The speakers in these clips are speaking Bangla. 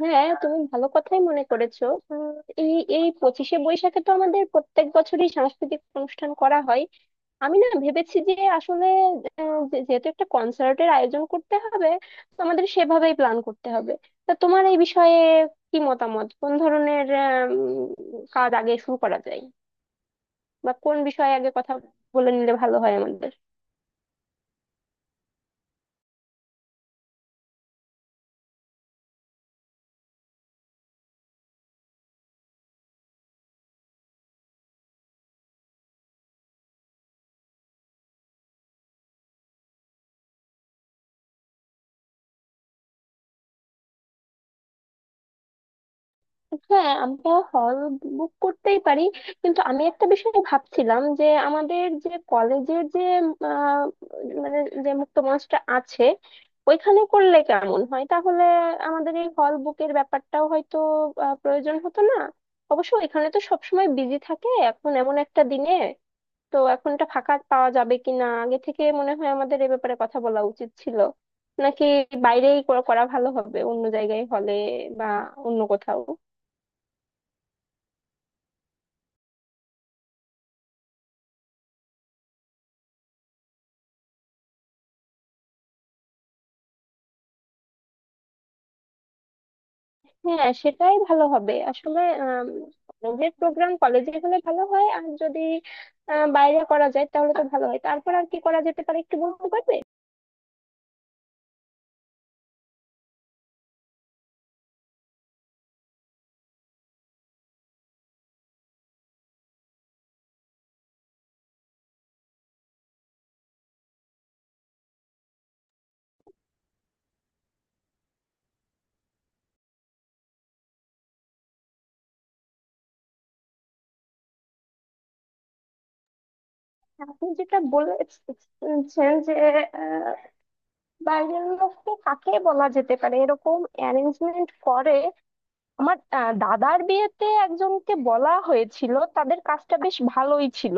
হ্যাঁ, তুমি ভালো কথাই মনে করেছো। উম, এই এই পঁচিশে বৈশাখে তো আমাদের প্রত্যেক বছরই সাংস্কৃতিক অনুষ্ঠান করা হয়। আমি না ভেবেছি যে আসলে যেহেতু একটা কনসার্টের আয়োজন করতে হবে, তো আমাদের সেভাবেই প্ল্যান করতে হবে। তা তোমার এই বিষয়ে কি মতামত? কোন ধরনের কাজ আগে শুরু করা যায় বা কোন বিষয়ে আগে কথা বলে নিলে ভালো হয় আমাদের? হ্যাঁ, আমরা হল বুক করতেই পারি, কিন্তু আমি একটা বিষয় ভাবছিলাম, যে আমাদের যে কলেজের যে আহ, মানে যে মুক্ত মঞ্চটা আছে ওইখানে করলে কেমন হয়? তাহলে আমাদের এই হল বুকের ব্যাপারটাও হয়তো প্রয়োজন হতো না। অবশ্য এখানে তো সবসময় বিজি থাকে, এখন এমন একটা দিনে তো এখন এটা ফাঁকা পাওয়া যাবে কিনা, আগে থেকে মনে হয় আমাদের এ ব্যাপারে কথা বলা উচিত ছিল। নাকি বাইরেই করা করা ভালো হবে, অন্য জায়গায় হলে বা অন্য কোথাও? হ্যাঁ, সেটাই ভালো হবে আসলে। কলেজের প্রোগ্রাম কলেজে হলে ভালো হয়, আর যদি বাইরে করা যায় তাহলে তো ভালো হয়। তারপর আর কি করা যেতে পারে একটু বলতে পারবে? আপনি যেটা বলেছেন যে আহ, বাইরের লোককে কাকে বলা যেতে পারে এরকম অ্যারেঞ্জমেন্ট করে, আমার দাদার বিয়েতে একজনকে বলা হয়েছিল, তাদের কাজটা বেশ ভালোই ছিল।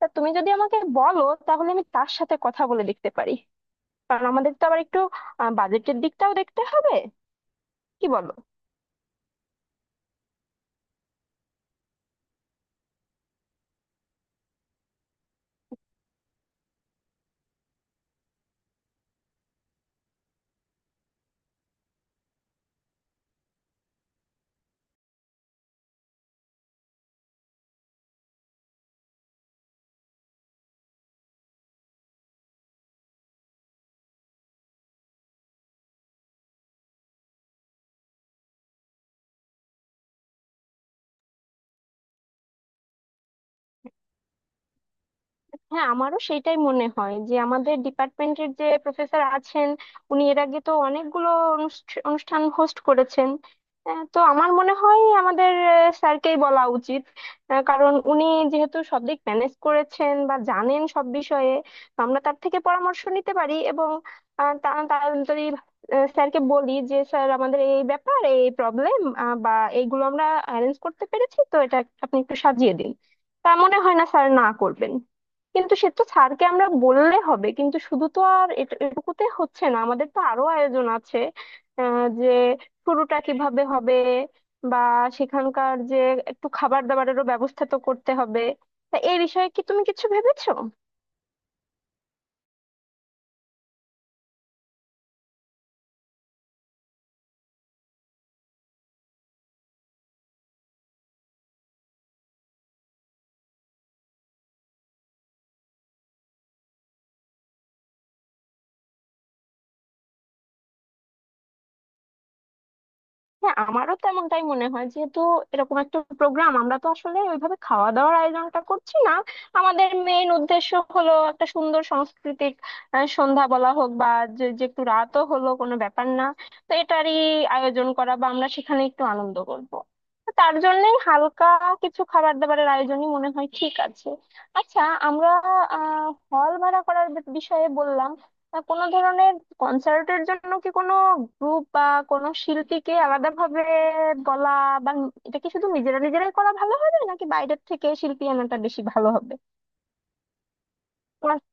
তা তুমি যদি আমাকে বলো, তাহলে আমি তার সাথে কথা বলে দেখতে পারি। কারণ আমাদের তো আবার একটু বাজেটের দিকটাও দেখতে হবে, কি বলো? হ্যাঁ, আমারও সেটাই মনে হয়, যে আমাদের ডিপার্টমেন্টের যে প্রফেসর আছেন উনি এর আগে তো অনেকগুলো অনুষ্ঠান হোস্ট করেছেন। তো আমার মনে হয় আমাদের স্যারকেই বলা উচিত। কারণ উনি যেহেতু সব দিক ম্যানেজ করেছেন বা জানেন সব বিষয়ে, তো আমরা তার থেকে পরামর্শ নিতে পারি। এবং আহ, তা তা- যদি স্যারকে বলি যে স্যার আমাদের এই ব্যাপার, এই প্রবলেম বা এইগুলো আমরা অ্যারেঞ্জ করতে পেরেছি, তো এটা আপনি একটু সাজিয়ে দিন, তা মনে হয় না স্যার না করবেন। কিন্তু সে তো স্যারকে আমরা বললে হবে, কিন্তু শুধু তো আর এটুকুতে হচ্ছে না, আমাদের তো আরো আয়োজন আছে। যে শুরুটা কিভাবে হবে বা সেখানকার যে একটু খাবার দাবারেরও ব্যবস্থা তো করতে হবে। তা এই বিষয়ে কি তুমি কিছু ভেবেছো? হ্যাঁ, আমারও তো এমনটাই মনে হয়। যেহেতু এরকম একটা প্রোগ্রাম, আমরা তো আসলে ওইভাবে খাওয়া দাওয়ার আয়োজনটা করছি না। আমাদের মেইন উদ্দেশ্য হলো একটা সুন্দর সাংস্কৃতিক সন্ধ্যা বলা হোক, বা যে যে একটু রাতও হলো কোনো ব্যাপার না, তো এটারই আয়োজন করা, বা আমরা সেখানে একটু আনন্দ করব। তো তার জন্যই হালকা কিছু খাবার দাবারের আয়োজনই মনে হয় ঠিক আছে। আচ্ছা, আমরা আহ হল ভাড়া করার বিষয়ে বললাম। তা কোনো ধরনের কনসার্টের জন্য কি কোনো গ্রুপ বা কোনো শিল্পীকে আলাদাভাবে বলা, বা এটা কি শুধু নিজেরা নিজেরাই করা ভালো হবে, নাকি বাইরের থেকে শিল্পী আনাটা বেশি ভালো হবে? আমার-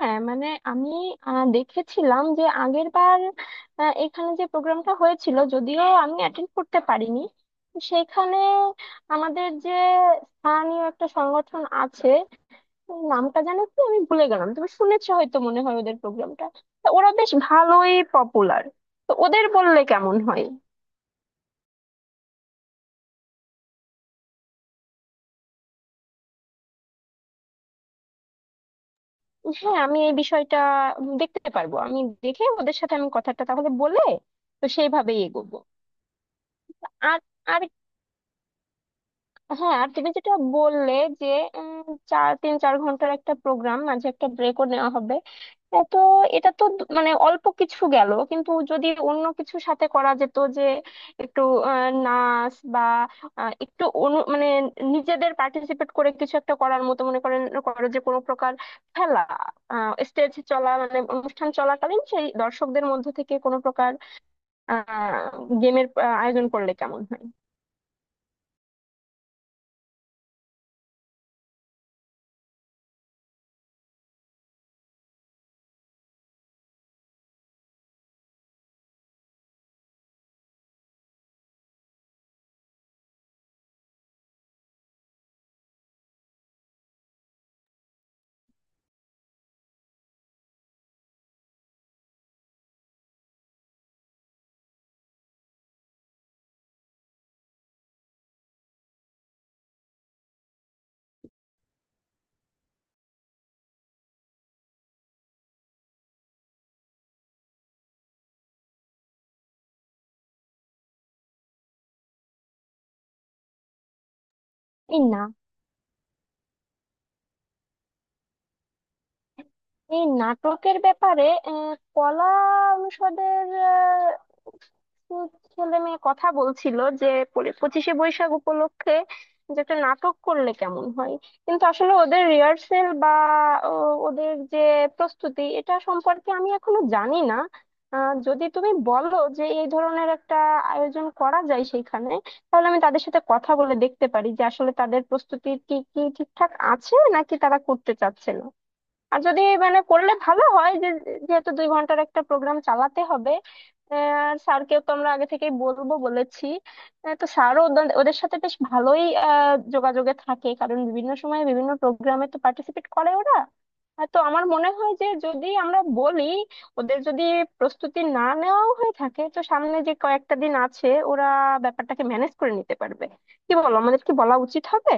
হ্যাঁ, মানে আমি দেখেছিলাম যে আগের বার এখানে যে প্রোগ্রামটা হয়েছিল, যদিও আমি অ্যাটেন্ড করতে পারিনি, সেখানে আমাদের যে স্থানীয় একটা সংগঠন আছে, এই নামটা জানো কি? আমি ভুলে গেলাম। তুমি শুনেছো হয়তো, মনে হয় ওদের প্রোগ্রামটা, ওরা বেশ ভালোই পপুলার। তো ওদের বললে কেমন হয়? হ্যাঁ, আমি এই বিষয়টা দেখতে পারবো। আমি দেখে ওদের সাথে আমি কথাটা তাহলে বলে, তো সেইভাবেই এগোবো। আর আর হ্যাঁ, আর তুমি যেটা বললে যে উম, তিন চার ঘন্টার একটা প্রোগ্রাম, মাঝে একটা ব্রেকও নেওয়া হবে, এ তো এটা তো মানে অল্প কিছু গেল। কিন্তু যদি অন্য কিছুর সাথে করা যেত, যে একটু নাচ বা একটু মানে নিজেদের পার্টিসিপেট করে কিছু একটা করার মতো মনে করো, যে কোনো প্রকার খেলা, স্টেজ চলা মানে অনুষ্ঠান চলাকালীন সেই দর্শকদের মধ্যে থেকে কোনো প্রকার আহ গেমের আয়োজন করলে কেমন হয়? এই না এই নাটকের ব্যাপারে, আহ, কলা অনুষদের ছেলে মেয়ে কথা বলছিল যে পঁচিশে বৈশাখ উপলক্ষে যে একটা নাটক করলে কেমন হয়। কিন্তু আসলে ওদের রিহার্সেল বা ও, ওদের যে প্রস্তুতি, এটা সম্পর্কে আমি এখনো জানি না। যদি তুমি বলো যে এই ধরনের একটা আয়োজন করা যায় সেইখানে, তাহলে আমি তাদের সাথে কথা বলে দেখতে পারি, যে আসলে তাদের প্রস্তুতি কি কি ঠিকঠাক আছে, নাকি তারা করতে চাচ্ছে না। আর যদি মানে করলে ভালো হয়, যে যেহেতু 2 ঘন্টার একটা প্রোগ্রাম চালাতে হবে। আহ, আর স্যারকেও তো আমরা আগে থেকেই বলবো বলেছি। তো স্যারও ওদের ওদের সাথে বেশ ভালোই যোগাযোগে থাকে, কারণ বিভিন্ন সময় বিভিন্ন প্রোগ্রামে তো পার্টিসিপেট করে ওরা। তো আমার মনে হয় যে যদি আমরা বলি, ওদের যদি প্রস্তুতি না নেওয়াও হয়ে থাকে, তো সামনে যে কয়েকটা দিন আছে, ওরা ব্যাপারটাকে ম্যানেজ করে নিতে পারবে। কি বলো, আমাদের কি বলা উচিত হবে?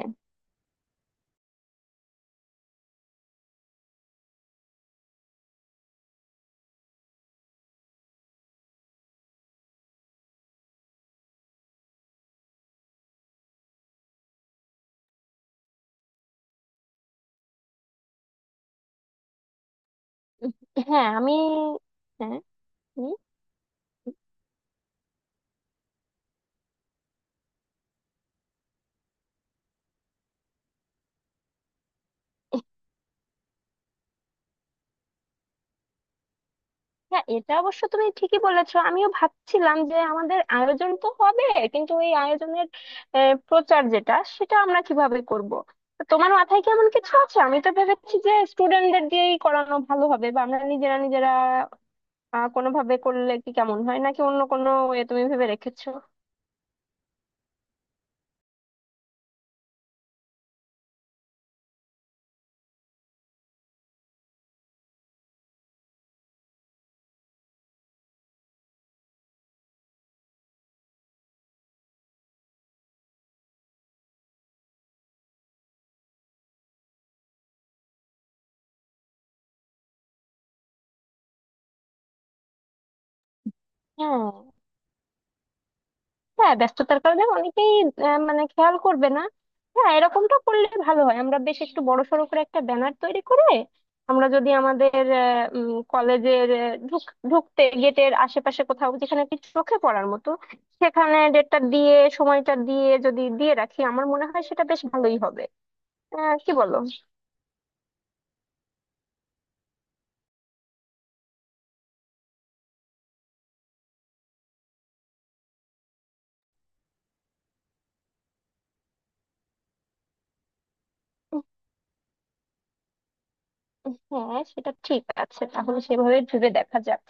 হ্যাঁ, আমি, হ্যাঁ। হ্যাঁ, এটা অবশ্য তুমি ঠিকই বলেছো, আমিও ভাবছিলাম যে আমাদের আয়োজন তো হবে, কিন্তু এই আয়োজনের প্রচার যেটা, সেটা আমরা কিভাবে করব? তো তোমার মাথায় কি এমন কিছু আছে? আমি তো ভেবেছি যে স্টুডেন্টদের দিয়েই করানো ভালো হবে, বা আমরা নিজেরা নিজেরা কোনোভাবে করলে কি কেমন হয়, নাকি অন্য কোনো ওয়ে তুমি ভেবে রেখেছো? হ্যাঁ, হ্যাঁ, ব্যস্ততার কারণে অনেকেই মানে খেয়াল করবে না। হ্যাঁ, এরকমটা করলে ভালো হয়, আমরা বেশ একটু বড় সড়ো করে একটা ব্যানার তৈরি করে, আমরা যদি আমাদের কলেজের ঢুকতে গেটের আশেপাশে কোথাও, যেখানে কি চোখে পড়ার মতো সেখানে, ডেটটা দিয়ে সময়টা দিয়ে যদি দিয়ে রাখি, আমার মনে হয় সেটা বেশ ভালোই হবে। কি বলো? হ্যাঁ, সেটা ঠিক আছে, তাহলে সেভাবে ভেবে দেখা যাক।